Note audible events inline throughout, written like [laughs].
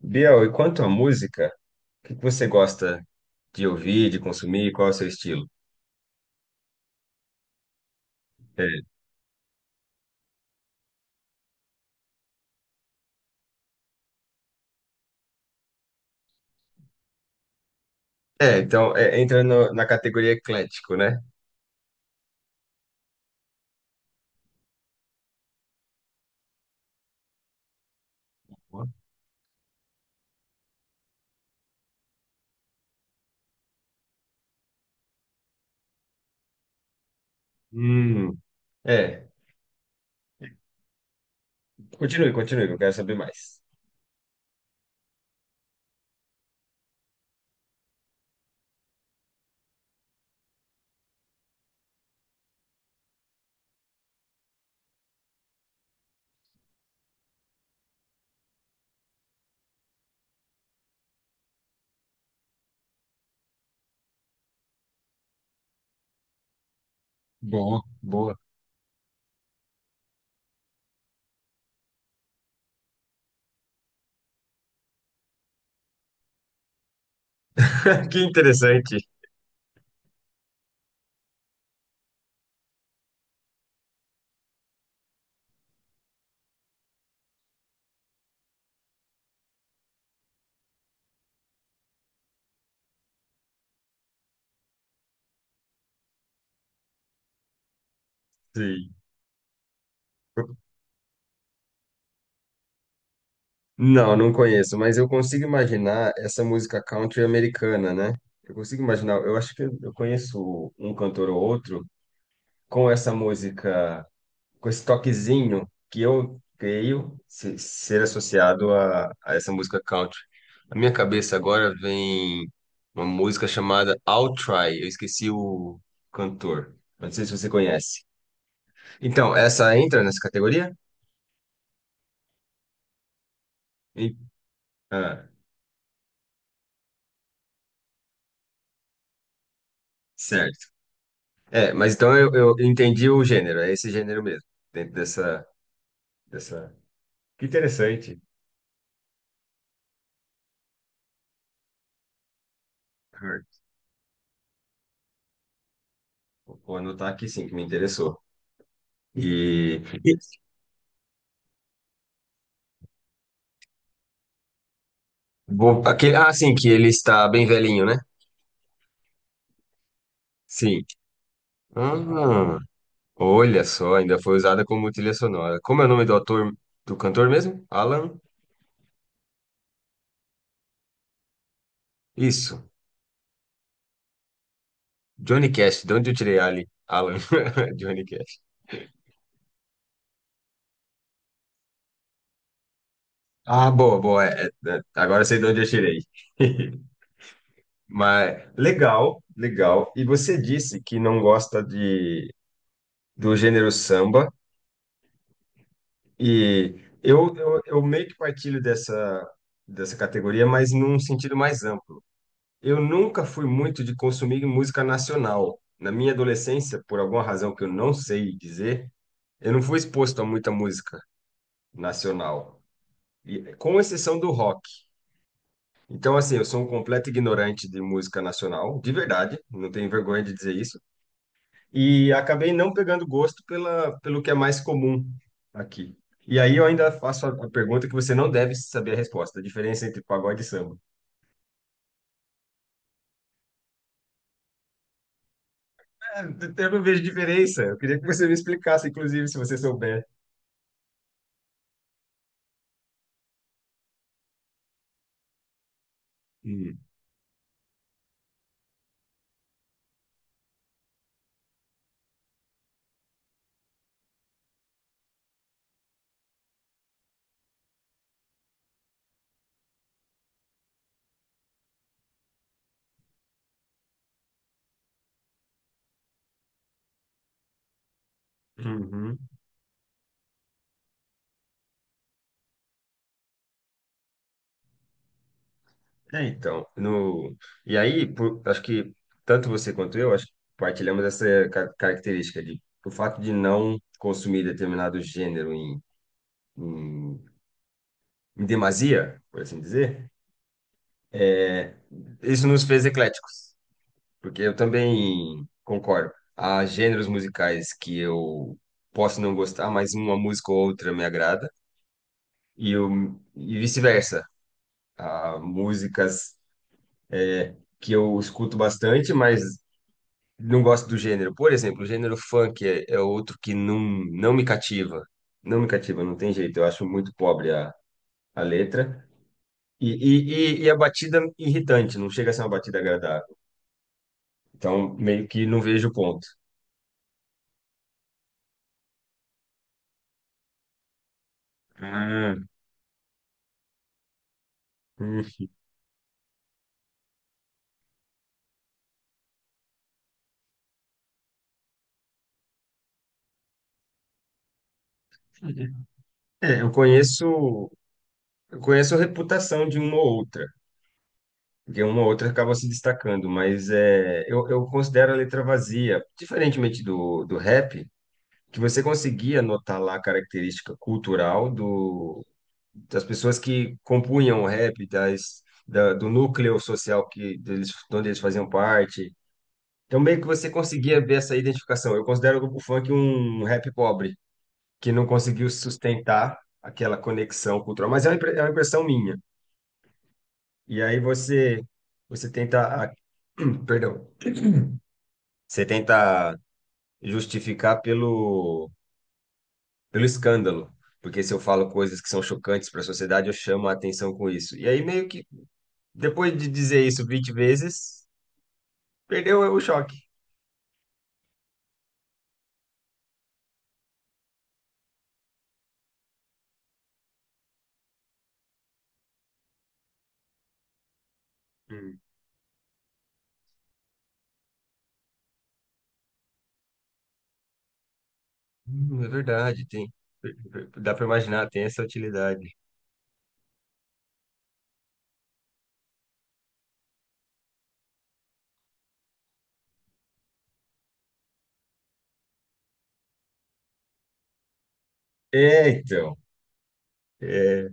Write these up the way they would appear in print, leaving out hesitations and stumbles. Biel, e quanto à música, o que que você gosta de ouvir, de consumir? Qual é o seu estilo? É, entra na categoria eclético, né? Hum, é. Continue, continue, que eu quero saber mais. Boa, boa. [laughs] Que interessante. Sim. Não, não conheço, mas eu consigo imaginar essa música country americana, né? Eu consigo imaginar, eu acho que eu conheço um cantor ou outro com essa música, com esse toquezinho que eu creio ser associado a essa música country. Na minha cabeça agora vem uma música chamada I'll Try. Eu esqueci o cantor. Não sei se você conhece. Então, essa entra nessa categoria? E- Ah, certo. Mas então eu entendi o gênero. É esse gênero mesmo. Dentro dessa... Que interessante. Vou anotar aqui, sim, que me interessou. E... Vou, aquele, ah, sim, que ele está bem velhinho, né? Sim. Ah, olha só, ainda foi usada como trilha sonora. Como é o nome do ator, do cantor mesmo? Alan? Isso. Johnny Cash. De onde eu tirei Ali? Alan. [laughs] Johnny Cash. Ah, boa, boa. Agora eu sei de onde eu tirei. [laughs] Mas legal, legal. E você disse que não gosta de, do gênero samba, e eu meio que partilho dessa categoria, mas num sentido mais amplo. Eu nunca fui muito de consumir música nacional. Na minha adolescência, por alguma razão que eu não sei dizer, eu não fui exposto a muita música nacional, e, com exceção do rock. Então, assim, eu sou um completo ignorante de música nacional, de verdade, não tenho vergonha de dizer isso. E acabei não pegando gosto pela, pelo que é mais comum aqui. E aí eu ainda faço a pergunta que você não deve saber a resposta, a diferença entre pagode e samba. Eu não vejo diferença. Eu queria que você me explicasse, inclusive, se você souber. Hum, Uhum. É, então, no... E aí, acho que tanto você quanto eu, acho que partilhamos essa característica de o fato de não consumir determinado gênero em, em demasia, por assim dizer, é, isso nos fez ecléticos, porque eu também concordo. Há gêneros musicais que eu posso não gostar, mas uma música ou outra me agrada, e, e vice-versa. Há músicas que eu escuto bastante, mas não gosto do gênero. Por exemplo, o gênero funk é outro que não me cativa. Não me cativa, não tem jeito. Eu acho muito pobre a letra. E, e, e a batida irritante, não chega a ser uma batida agradável. Então, meio que não vejo o ponto. Ah, [laughs] hum. É, eu conheço a reputação de uma ou outra, porque uma ou outra acaba se destacando, mas é, eu considero a letra vazia. Diferentemente do rap, que você conseguia notar lá a característica cultural das pessoas que compunham o rap, do núcleo social que deles, de onde eles faziam parte. Então, meio que você conseguia ver essa identificação. Eu considero o grupo funk um rap pobre, que não conseguiu sustentar aquela conexão cultural. Mas é uma, é uma impressão minha. E aí você tenta, [clears throat] perdão, você tenta justificar pelo escândalo, porque se eu falo coisas que são chocantes para a sociedade, eu chamo a atenção com isso. E aí, meio que, depois de dizer isso 20 vezes, perdeu o choque. Hum, é verdade, tem. Dá para imaginar, tem essa utilidade. É, então. É,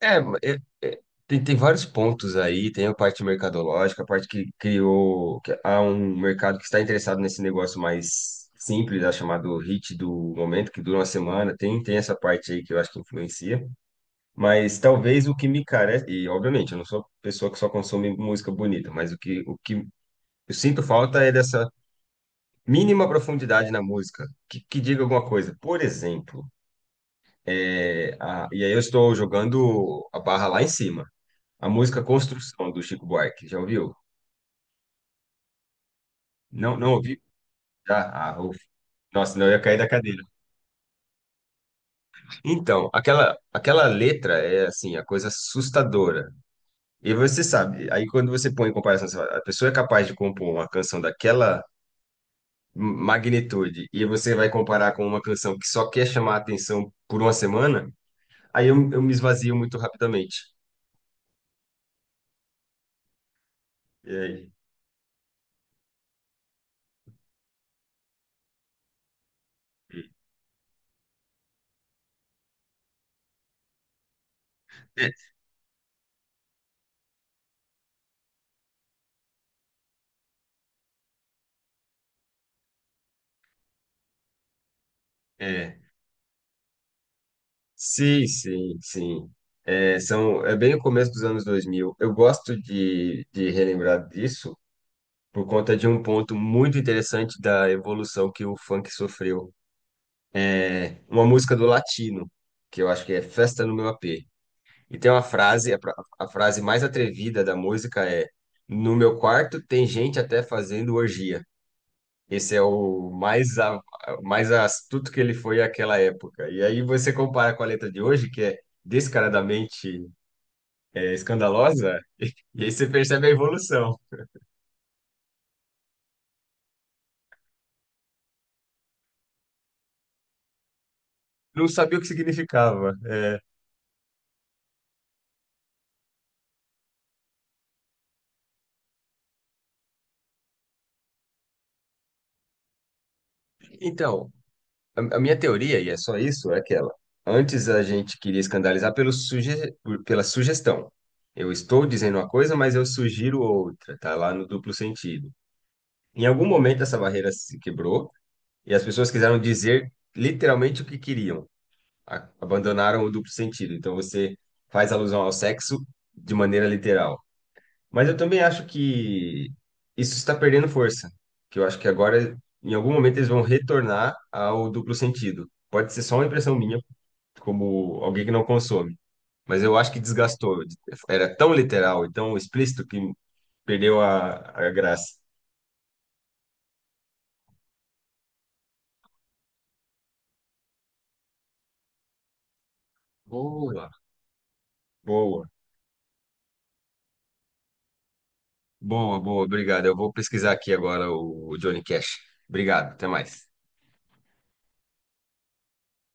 é, é, é, tem, tem vários pontos aí, tem a parte mercadológica, a parte que criou, que há um mercado que está interessado nesse negócio mais simples, né, chamado hit do momento, que dura uma semana, tem, tem essa parte aí que eu acho que influencia. Mas talvez o que me carece, e obviamente eu não sou pessoa que só consome música bonita, mas o que eu sinto falta é dessa mínima profundidade na música, que diga alguma coisa. Por exemplo, é, e aí eu estou jogando a barra lá em cima. A música Construção do Chico Buarque, já ouviu? Não, não ouvi? Já? Ah, ouvi. Nossa, não, eu ia cair da cadeira. Então, aquela, aquela letra é assim, a coisa assustadora. E você sabe, aí quando você põe em comparação, você fala, a pessoa é capaz de compor uma canção daquela magnitude e você vai comparar com uma canção que só quer chamar a atenção por uma semana, aí eu me esvazio muito rapidamente. E aí? É, é. Sim, sim, sim. É, são, é bem o começo dos anos 2000. Eu gosto de relembrar disso por conta de um ponto muito interessante da evolução que o funk sofreu. É, uma música do Latino, que eu acho que é Festa no Meu AP. E tem uma frase, a frase mais atrevida da música é: No meu quarto tem gente até fazendo orgia. Esse é o mais, mais astuto que ele foi àquela época. E aí você compara com a letra de hoje, que é descaradamente é, escandalosa, e aí você percebe a evolução. Não sabia o que significava. Então, a minha teoria, e é só isso, é aquela. Antes a gente queria escandalizar pelo pela sugestão. Eu estou dizendo uma coisa, mas eu sugiro outra, tá lá no duplo sentido. Em algum momento essa barreira se quebrou e as pessoas quiseram dizer literalmente o que queriam. Abandonaram o duplo sentido. Então você faz alusão ao sexo de maneira literal. Mas eu também acho que isso está perdendo força, que eu acho que agora, em algum momento, eles vão retornar ao duplo sentido. Pode ser só uma impressão minha, como alguém que não consome, mas eu acho que desgastou. Era tão literal e tão explícito que perdeu a graça. Boa. Boa, boa, boa, obrigado. Eu vou pesquisar aqui agora o Johnny Cash. Obrigado, até mais.